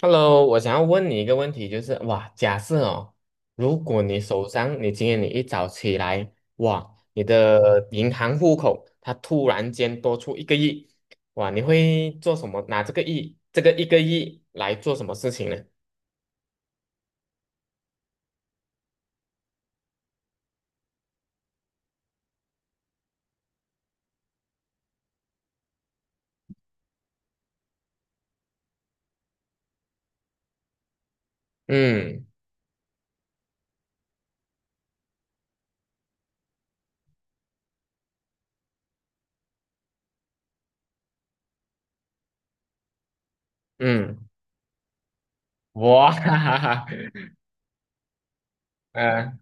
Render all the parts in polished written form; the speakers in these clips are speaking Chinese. Hello，我想要问你一个问题，就是哇，假设哦，如果你手上，你今天你一早起来，哇，你的银行户口它突然间多出一个亿，哇，你会做什么？拿这个亿，这个一个亿来做什么事情呢？嗯嗯，哇，哈哈哈，嗯、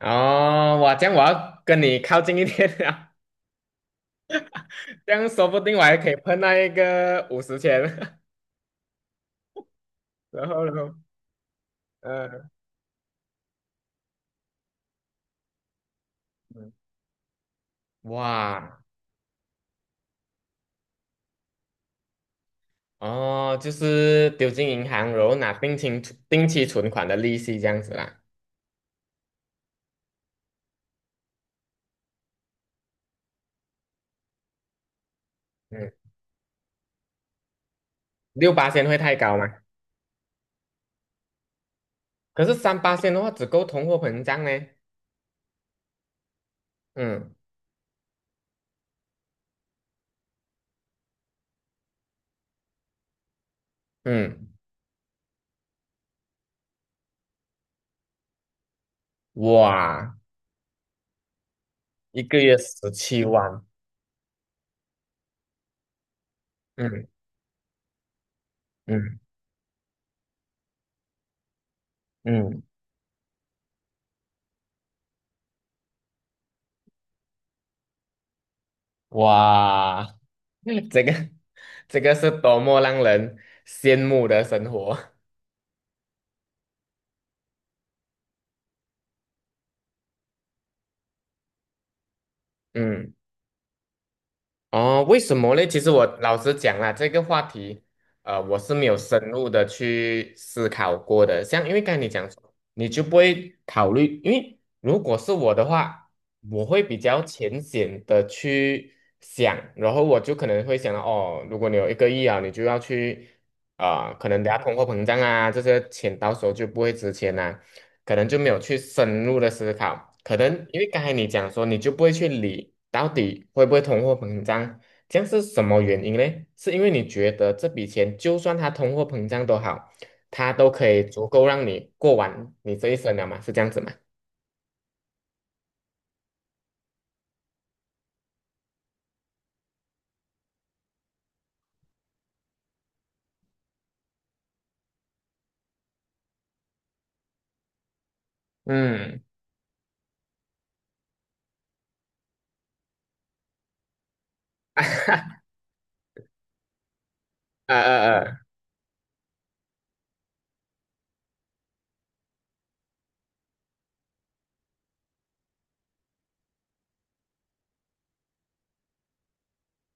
哦，哇，这样我要跟你靠近一点了，这样说不定我还可以碰到一个五十钱，然后呢，嗯、哇。哦，就是丢进银行，然后拿定期存款的利息这样子啦。嗯，六八千会太高吗？可是三八千的话，只够通货膨胀呢。嗯嗯，哇，一个月十七万。嗯嗯嗯，哇，这个这个是多么让人羡慕的生活。嗯。哦，为什么嘞？其实我老实讲啦，这个话题，我是没有深入的去思考过的。像因为刚才你讲说，你就不会考虑，因为如果是我的话，我会比较浅显的去想，然后我就可能会想到，哦，如果你有一个亿啊，你就要去，啊、可能等下通货膨胀啊，这些钱到时候就不会值钱啦、可能就没有去深入的思考，可能因为刚才你讲说，你就不会去理到底会不会通货膨胀，这样是什么原因呢？是因为你觉得这笔钱就算它通货膨胀都好，它都可以足够让你过完你这一生了嘛？是这样子吗？嗯，啊啊啊，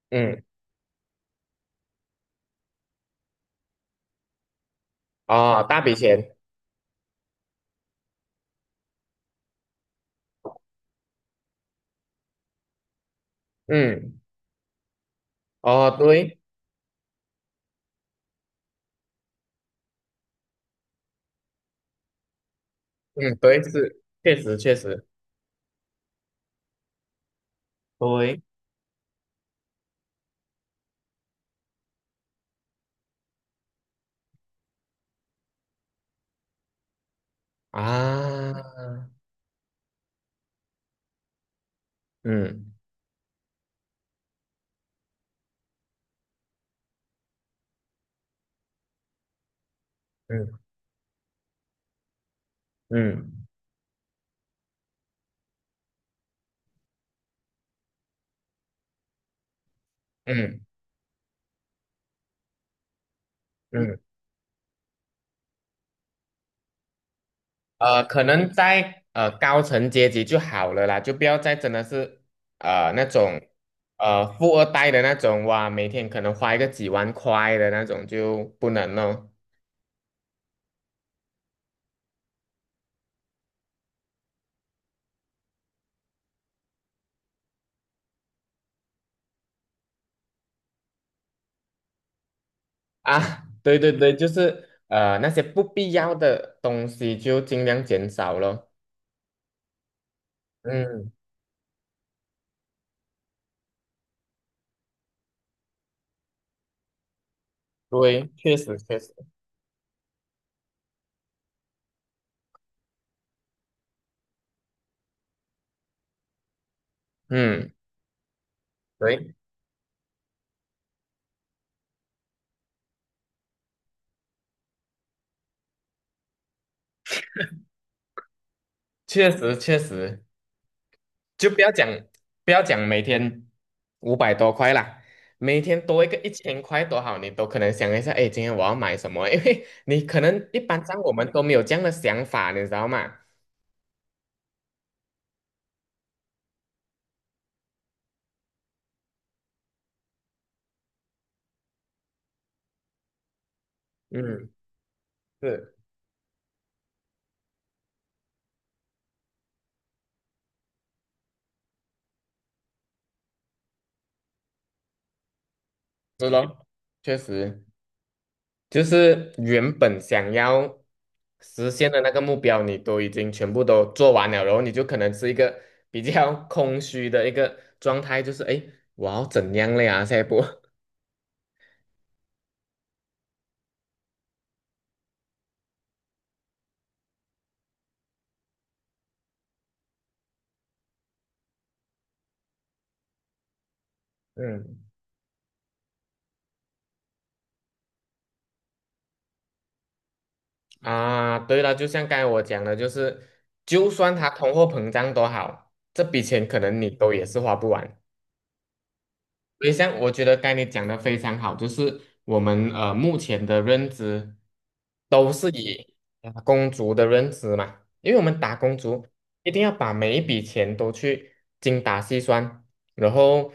嗯，哦，大笔钱，嗯，哦，对，嗯，对，是，确实确实，对啊，嗯嗯嗯嗯嗯。可能在高层阶级就好了啦，就不要再真的是那种富二代的那种哇，每天可能花一个几万块的那种就不能哦。啊，对对对，就是那些不必要的东西就尽量减少咯。嗯，对，确实确实，嗯，对，确实确实。就不要讲每天五百多块啦，每天多一个一千块多好，你都可能想一下，哎，今天我要买什么？因为你可能一般上我们都没有这样的想法，你知道吗？嗯，是是咯，确实，就是原本想要实现的那个目标，你都已经全部都做完了，然后你就可能是一个比较空虚的一个状态，就是哎，诶我要怎样了呀？下一步，嗯啊，对了，就像刚才我讲的，就是就算它通货膨胀多好，这笔钱可能你都也是花不完。所以像我觉得刚才你讲的非常好，就是我们目前的认知都是以打工族的认知嘛，因为我们打工族一定要把每一笔钱都去精打细算，然后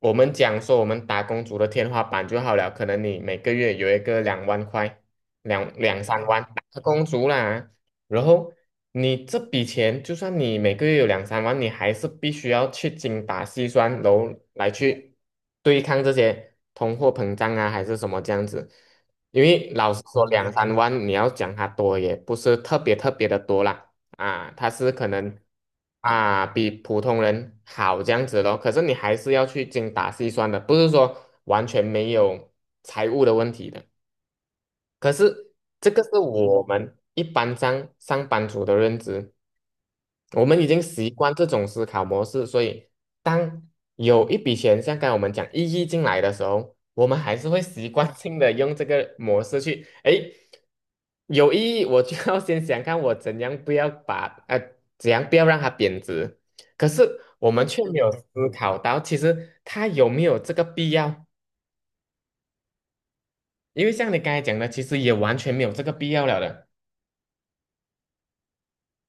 我们讲说我们打工族的天花板就好了，可能你每个月有一个两万块，两三万，打工族啦。然后你这笔钱，就算你每个月有两三万，你还是必须要去精打细算，然后来去对抗这些通货膨胀啊，还是什么这样子。因为老实说，两三万你要讲它多，也不是特别的多啦，啊，它是可能啊比普通人好这样子咯。可是你还是要去精打细算的，不是说完全没有财务的问题的。可是这个是我们一般上上班族的认知，我们已经习惯这种思考模式，所以当有一笔钱像刚才我们讲一亿进来的时候，我们还是会习惯性的用这个模式去，诶，有意义，我就要先想看我怎样不要把怎样不要让它贬值，可是我们却没有思考到其实它有没有这个必要，因为像你刚才讲的，其实也完全没有这个必要了的。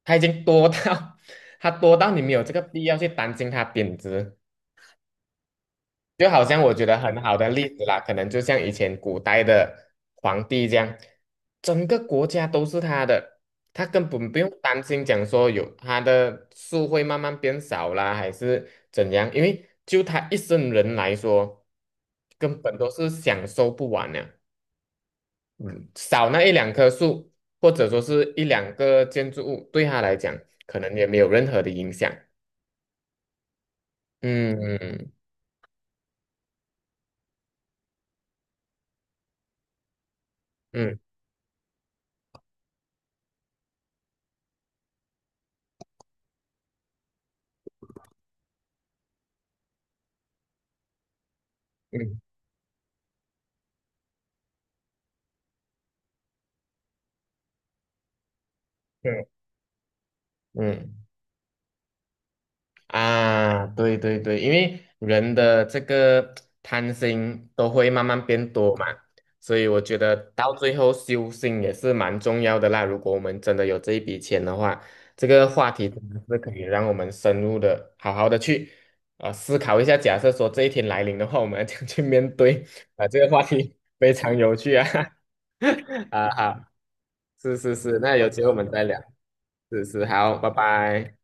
它已经多到 它多到你没有这个必要去担心它贬值。就好像我觉得很好的例子啦，可能就像以前古代的皇帝这样，整个国家都是他的，他根本不用担心讲说有他的树会慢慢变少啦，还是怎样，因为就他一生人来说，根本都是享受不完的。少那一两棵树，或者说是一两个建筑物，对他来讲可能也没有任何的影响。嗯嗯嗯嗯，对，嗯啊，对对对，因为人的这个贪心都会慢慢变多嘛，所以我觉得到最后修心也是蛮重要的啦。如果我们真的有这一笔钱的话，这个话题真的是可以让我们深入的、好好的去啊、思考一下。假设说这一天来临的话，我们要怎样去面对 啊、这个话题非常有趣啊 啊，哈。是是是，那有机会我们再聊。是是，好，拜拜。